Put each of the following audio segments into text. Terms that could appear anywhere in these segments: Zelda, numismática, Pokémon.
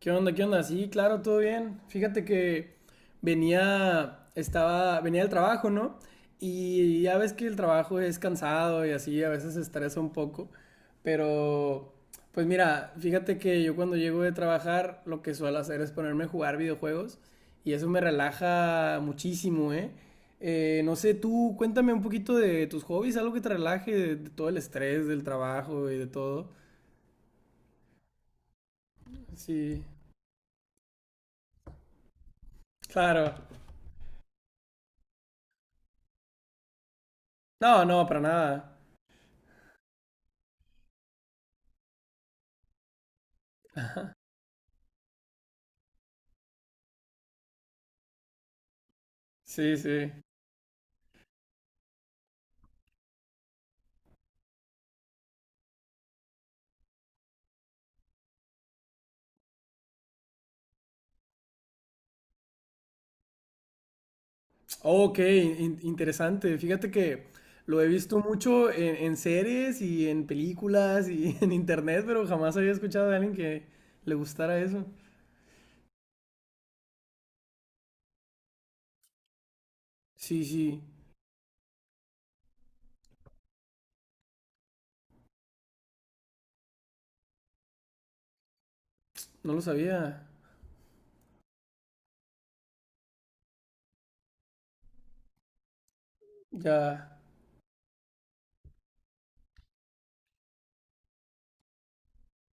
¿Qué onda? ¿Qué onda? Sí, claro, todo bien. Fíjate que venía del trabajo, ¿no? Y ya ves que el trabajo es cansado y así, a veces estresa un poco. Pero, pues mira, fíjate que yo cuando llego de trabajar, lo que suelo hacer es ponerme a jugar videojuegos y eso me relaja muchísimo, ¿eh? No sé, tú cuéntame un poquito de tus hobbies, algo que te relaje de todo el estrés del trabajo y de todo. Sí, claro. No, no, para nada. Sí, sí. Oh, ok, interesante. Fíjate que lo he visto mucho en series y en películas y en internet, pero jamás había escuchado de alguien que le gustara eso. Sí, sí, no lo sabía. Ya.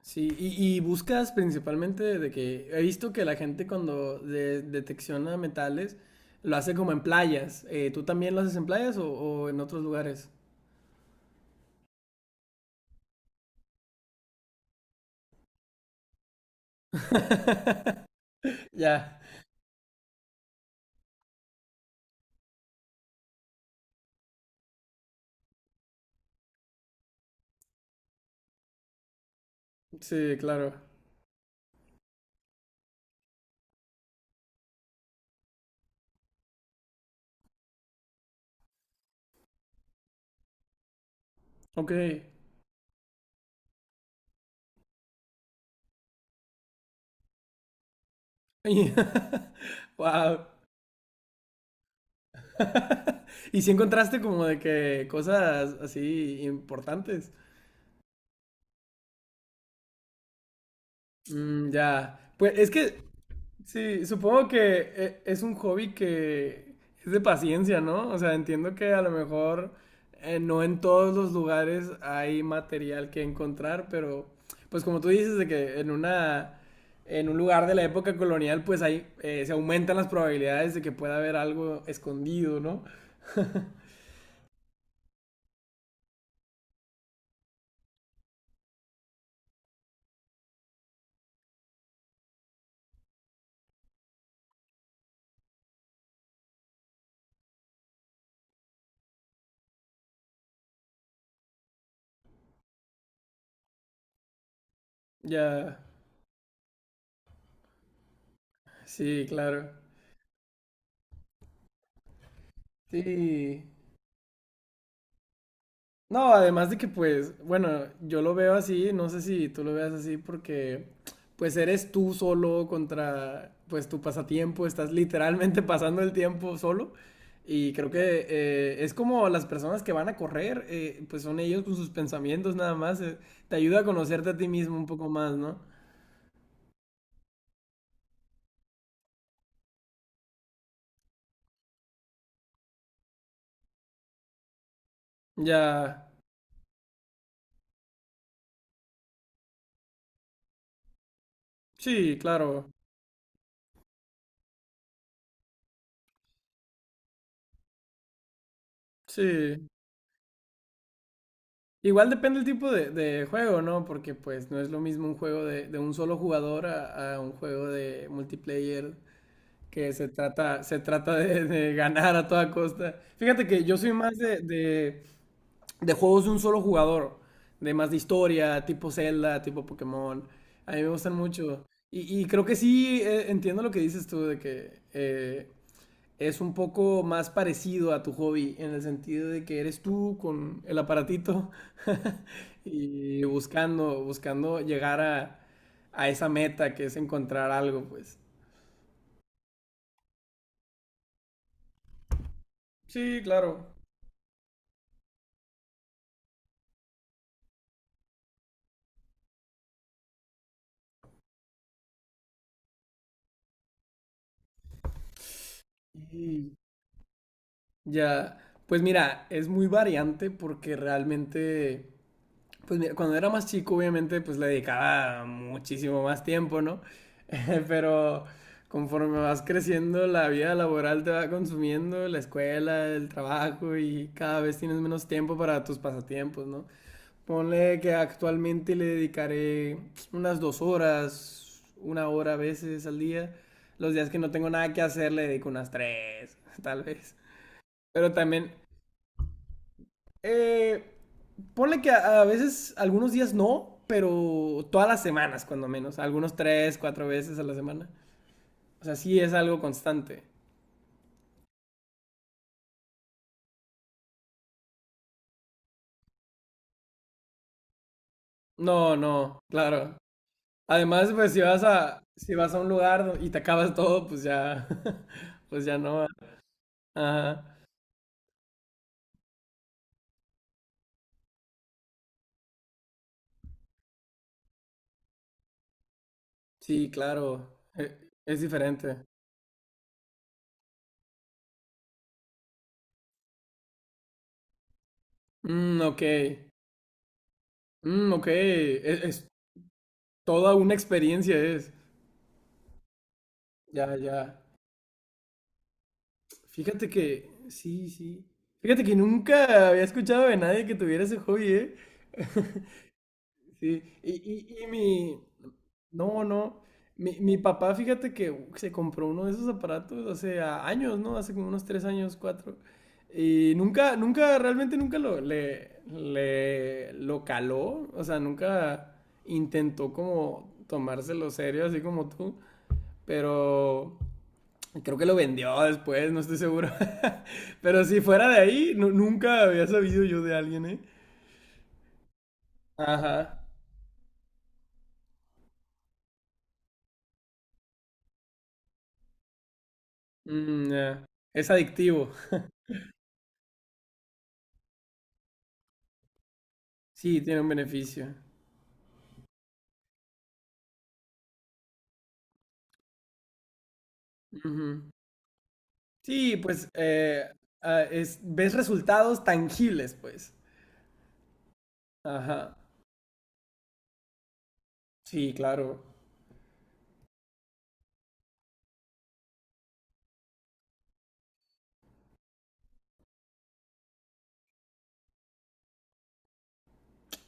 Sí, y buscas principalmente de que he visto que la gente cuando detecciona metales lo hace como en playas. ¿Tú también lo haces en playas o en otros lugares? Ya, sí, claro. Ok. Wow. ¿Y si encontraste como de que cosas así importantes? Mm, ya. Pues es que, sí, supongo que es un hobby que es de paciencia, ¿no? O sea, entiendo que a lo mejor no en todos los lugares hay material que encontrar, pero pues como tú dices de que en una en un lugar de la época colonial, pues ahí se aumentan las probabilidades de que pueda haber algo escondido, ¿no? Ya. Sí, claro. Sí. No, además de que pues, bueno, yo lo veo así, no sé si tú lo veas así porque pues eres tú solo contra pues tu pasatiempo, estás literalmente pasando el tiempo solo y creo que es como las personas que van a correr, pues son ellos con sus pensamientos nada más, te ayuda a conocerte a ti mismo un poco más, ¿no? Ya, sí, claro, sí. Igual depende el tipo de juego, ¿no? Porque pues no es lo mismo un juego de un solo jugador a un juego de multiplayer que se trata de ganar a toda costa. Fíjate que yo soy más de juegos de un solo jugador, de más de historia, tipo Zelda, tipo Pokémon. A mí me gustan mucho. Y creo que sí entiendo lo que dices tú de que es un poco más parecido a tu hobby, en el sentido de que eres tú con el aparatito y buscando llegar a esa meta que es encontrar algo, pues. Sí, claro. Y ya, pues mira, es muy variante porque realmente pues mira, cuando era más chico, obviamente, pues le dedicaba muchísimo más tiempo, ¿no? Pero conforme vas creciendo, la vida laboral te va consumiendo, la escuela, el trabajo y cada vez tienes menos tiempo para tus pasatiempos, ¿no? Ponle que actualmente le dedicaré unas 2 horas, 1 hora a veces al día. Los días que no tengo nada que hacer le dedico unas tres, tal vez. Pero también eh, ponle que a veces, algunos días no, pero todas las semanas, cuando menos. Algunos tres, cuatro veces a la semana. O sea, sí es algo constante. No, no, claro. Además, pues si vas a, si vas a un lugar y te acabas todo, pues ya, pues ya no. Ajá. Sí, claro. Es diferente. Mm, ok. Mm, ok. Es toda una experiencia es. Ya, ya. Fíjate que, sí, sí. Fíjate que nunca había escuchado de nadie que tuviera ese hobby, ¿eh? Sí. Y mi... No, no. Mi papá, fíjate que se compró uno de esos aparatos hace años, ¿no? Hace como unos tres años, cuatro. Y nunca, nunca, realmente nunca lo caló. O sea, nunca intentó como tomárselo serio, así como tú. Pero... Creo que lo vendió después, no estoy seguro. Pero si fuera de ahí, nunca había sabido yo de alguien, ¿eh? Ajá. Mm, ya. Es adictivo. Sí, tiene un beneficio. Ujú. Sí, pues ah, es, ves resultados tangibles, pues. Ajá. Sí, claro.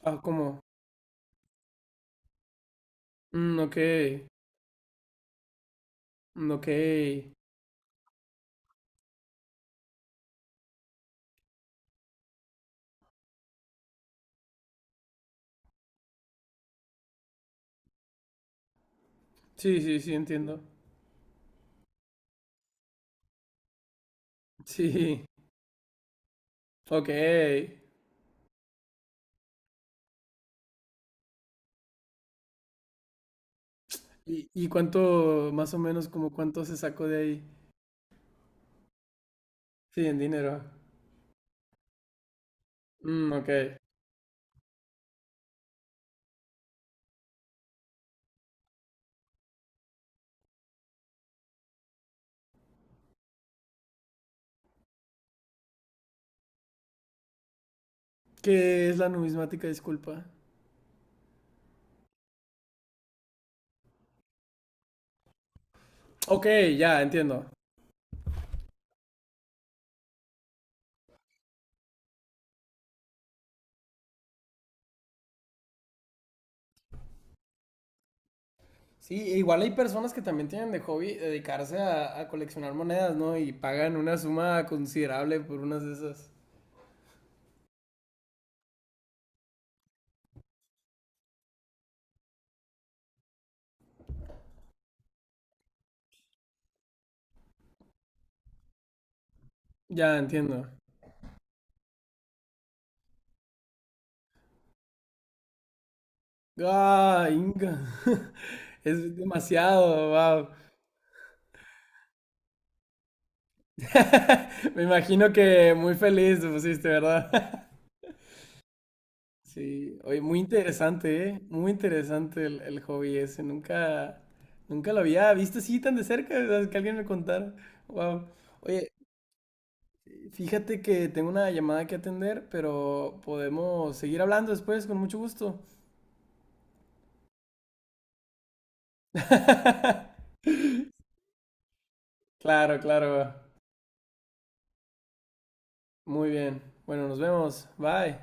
Ah, ¿cómo? Mm, ok. Mm, ok. Sí, sí, sí, entiendo. Sí. Ok. Y cuánto, más o menos, como cuánto se sacó de ahí? Sí, en dinero. Mm, ok. ¿Qué es la numismática? Disculpa. Ok, ya, entiendo. Sí, e igual hay personas que también tienen de hobby dedicarse a coleccionar monedas, ¿no? Y pagan una suma considerable por unas de esas. Ya, entiendo. ¡Ah, Inga! Es demasiado, wow. Me imagino que muy feliz te pusiste, ¿verdad? Sí, oye, muy interesante, ¿eh? Muy interesante el hobby ese. Nunca, nunca lo había visto así tan de cerca, o sea, que alguien me contara. Wow. Oye, fíjate que tengo una llamada que atender, pero podemos seguir hablando después, con mucho gusto. Claro, claro. Muy bien. Bueno, nos vemos. Bye.